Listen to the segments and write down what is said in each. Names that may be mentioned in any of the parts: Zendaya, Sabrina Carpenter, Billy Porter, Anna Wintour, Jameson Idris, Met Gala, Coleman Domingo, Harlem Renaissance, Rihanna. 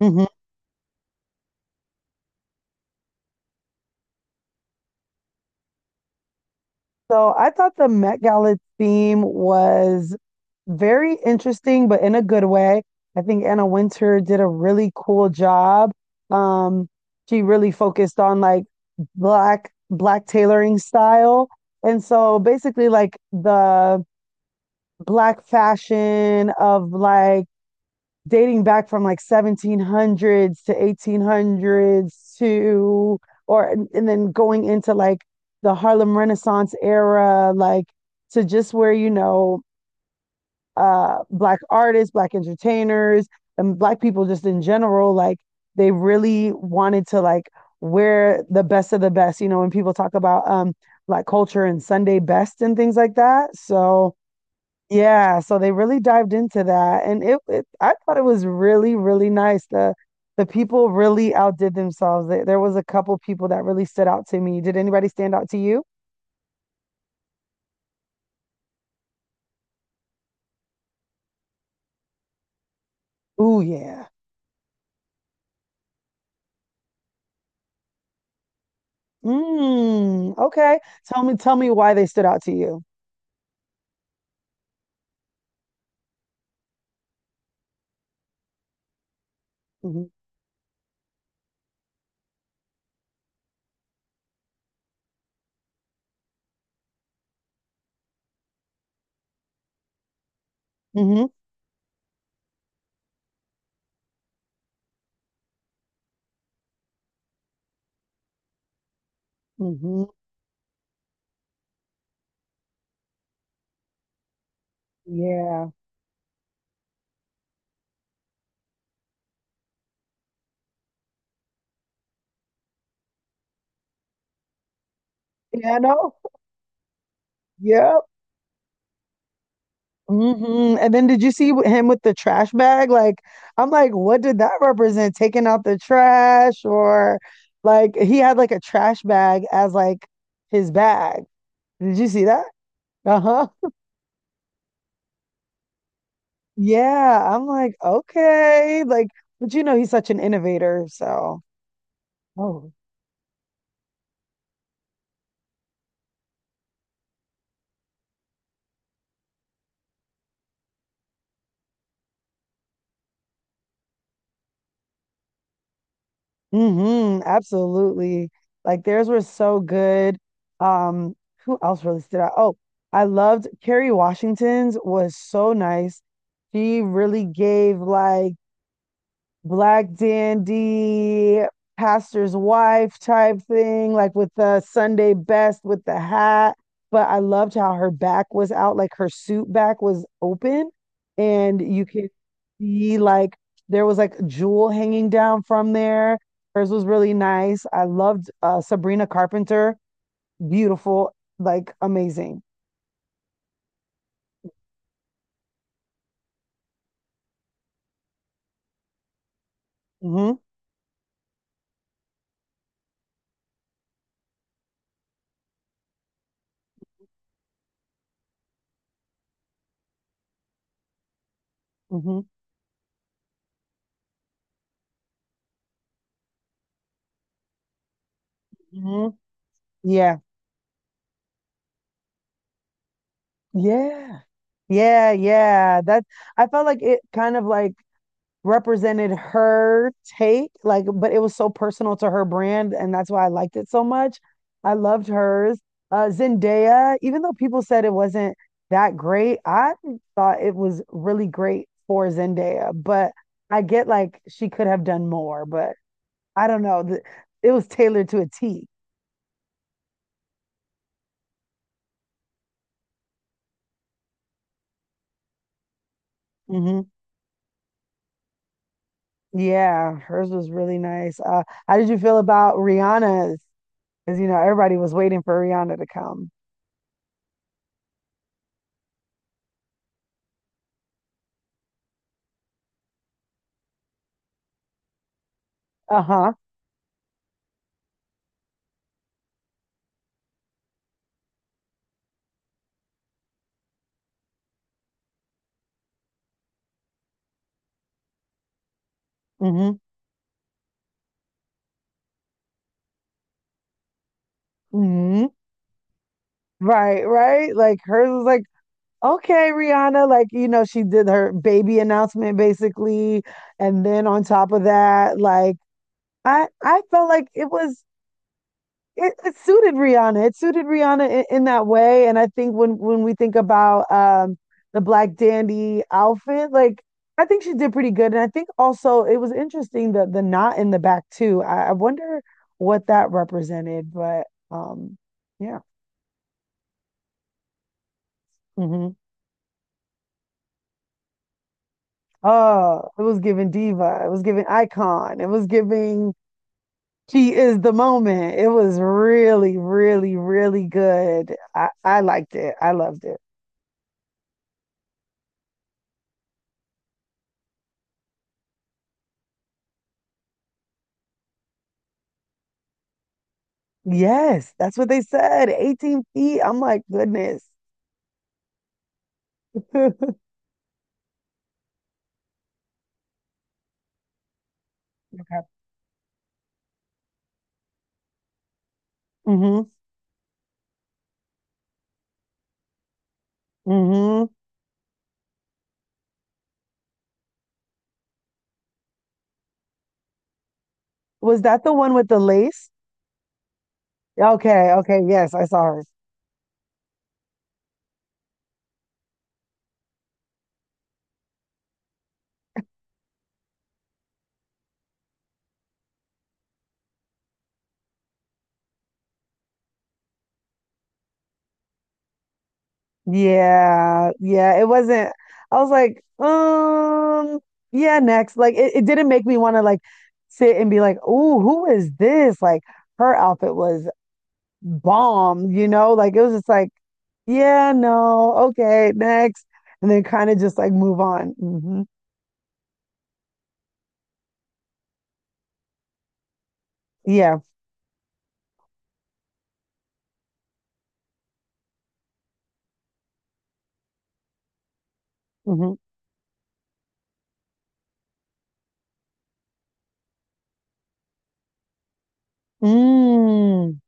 Mhm. So I thought the Met Gala theme was very interesting, but in a good way. I think Anna Winter did a really cool job. Um, she really focused on, like, black tailoring style. And so basically, like, the black fashion of, like, dating back from like 1700s to 1800s to or and, then going into like the Harlem Renaissance era, like, to just where black artists, black entertainers and black people just in general, like, they really wanted to, like, wear the best of the best, when people talk about black culture and Sunday best and things like that. So yeah, so they really dived into that, and it I thought it was really, really nice. The people really outdid themselves. There was a couple people that really stood out to me. Did anybody stand out to you? Oh yeah. Mm, okay. Tell me why they stood out to you. Hmm hmm hmm Yeah. Yeah, I know. Yeah. hmm And then did you see him with the trash bag? Like, I'm like, what did that represent? Taking out the trash, or like he had like a trash bag as like his bag. Did you see that? Uh-huh. Yeah. I'm like, okay. Like, but you know, he's such an innovator. So, oh. hmm absolutely. Like theirs were so good. Um, who else really stood out? Oh, I loved Kerry Washington's, was so nice. She really gave, like, black dandy, pastor's wife type thing, like with the Sunday best with the hat. But I loved how her back was out, like her suit back was open, and you could see like there was like jewel hanging down from there. Hers was really nice. I loved Sabrina Carpenter, beautiful, like amazing. Hmm hmm hmm Yeah, yeah, yeah, yeah. That I felt like it kind of like represented her take, like, but it was so personal to her brand and that's why I liked it so much. I loved hers. Zendaya, even though people said it wasn't that great, I thought it was really great for Zendaya, but I get like she could have done more, but I don't know. It was tailored to a Mm-hmm. Yeah, hers was really nice. How did you feel about Rihanna's? Because you know everybody was waiting for Rihanna to come. Uh-huh. Mm-hmm. Right, right. Like hers was like, okay, Rihanna, like, you know, she did her baby announcement basically. And then on top of that, like I felt like it was it suited Rihanna. It suited Rihanna in that way. And I think when we think about the Black Dandy outfit, like I think she did pretty good. And I think also it was interesting the knot in the back too. I wonder what that represented, but yeah. hmm Oh, it was giving diva. It was giving icon. It was giving she is the moment. It was really, really, really good. I liked it. I loved it. Yes, that's what they said. 18 feet. I'm like, goodness. Okay. Mm-hmm. Mm-hmm. Was that the one with the lace? Okay, okay, yes, I saw her. Yeah, yeah, it wasn't. I was like, yeah, next. Like, it didn't make me want to like sit and be like, oh, who is this? Like, her outfit was bomb, you know? Like, it was just like, yeah, no, okay, next. And then kind of just like move on. Hmm Yeah. hmm Mm,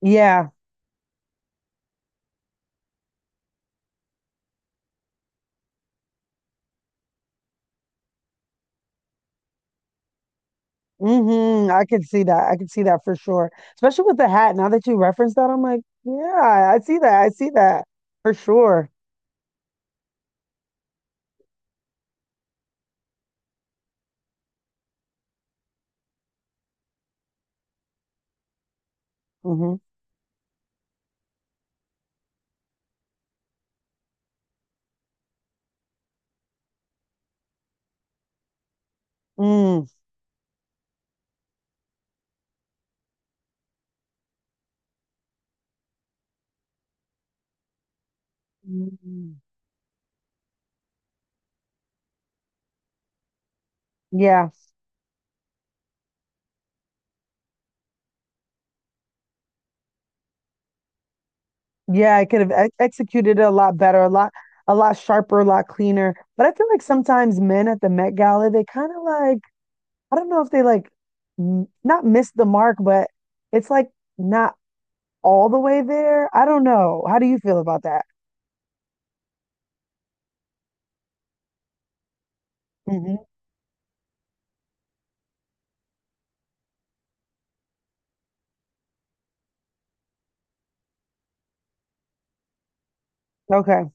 yeah. hmm I could see that. I could see that for sure. Especially with the hat. Now that you referenced that, I'm like, yeah, I see that. I see that for sure. hmm Mm. Mm. Yeah. Yeah, I could have ex executed it a lot better, a lot sharper, a lot cleaner. But I feel like sometimes men at the Met Gala, they kind of like, I don't know if they like not miss the mark, but it's like not all the way there. I don't know. How do you feel about that? Hmm Okay.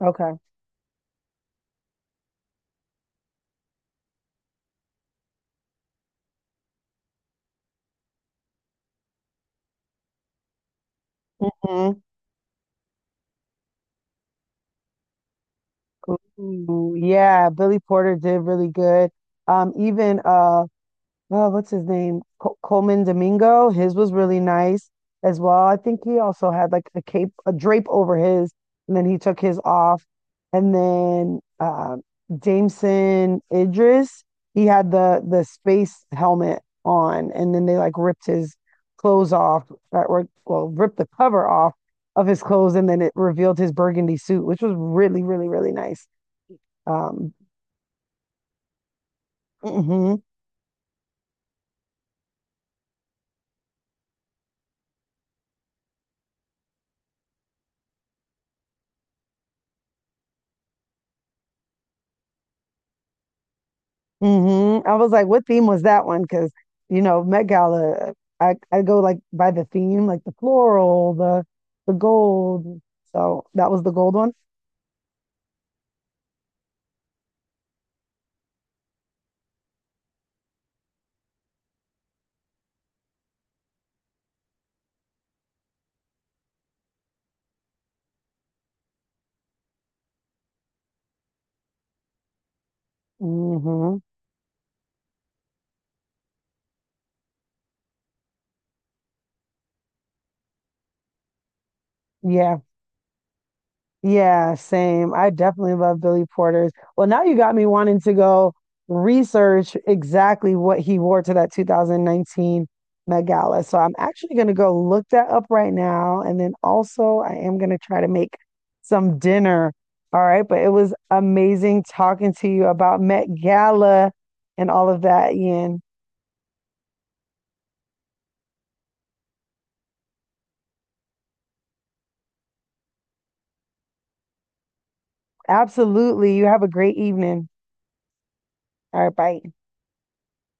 Okay. Mhm. Ooh, yeah, Billy Porter did really good. Even what's his name? Coleman Domingo. His was really nice as well. I think he also had like a cape, a drape over his, and then he took his off. And then Jameson Idris, he had the space helmet on, and then they like ripped his clothes off, or well, ripped the cover off of his clothes, and then it revealed his burgundy suit, which was really, really, really nice. Um, mhm. hmm I was like, what theme was that one? Because, you know, Met Gala, I go like by the theme, like the floral, the gold. So that was the gold one. Hmm Yeah. Yeah, same. I definitely love Billy Porter's. Well, now you got me wanting to go research exactly what he wore to that 2019 Met Gala. So I'm actually going to go look that up right now. And then also, I am going to try to make some dinner. All right. But it was amazing talking to you about Met Gala and all of that, Ian. Absolutely. You have a great evening. All right. Bye.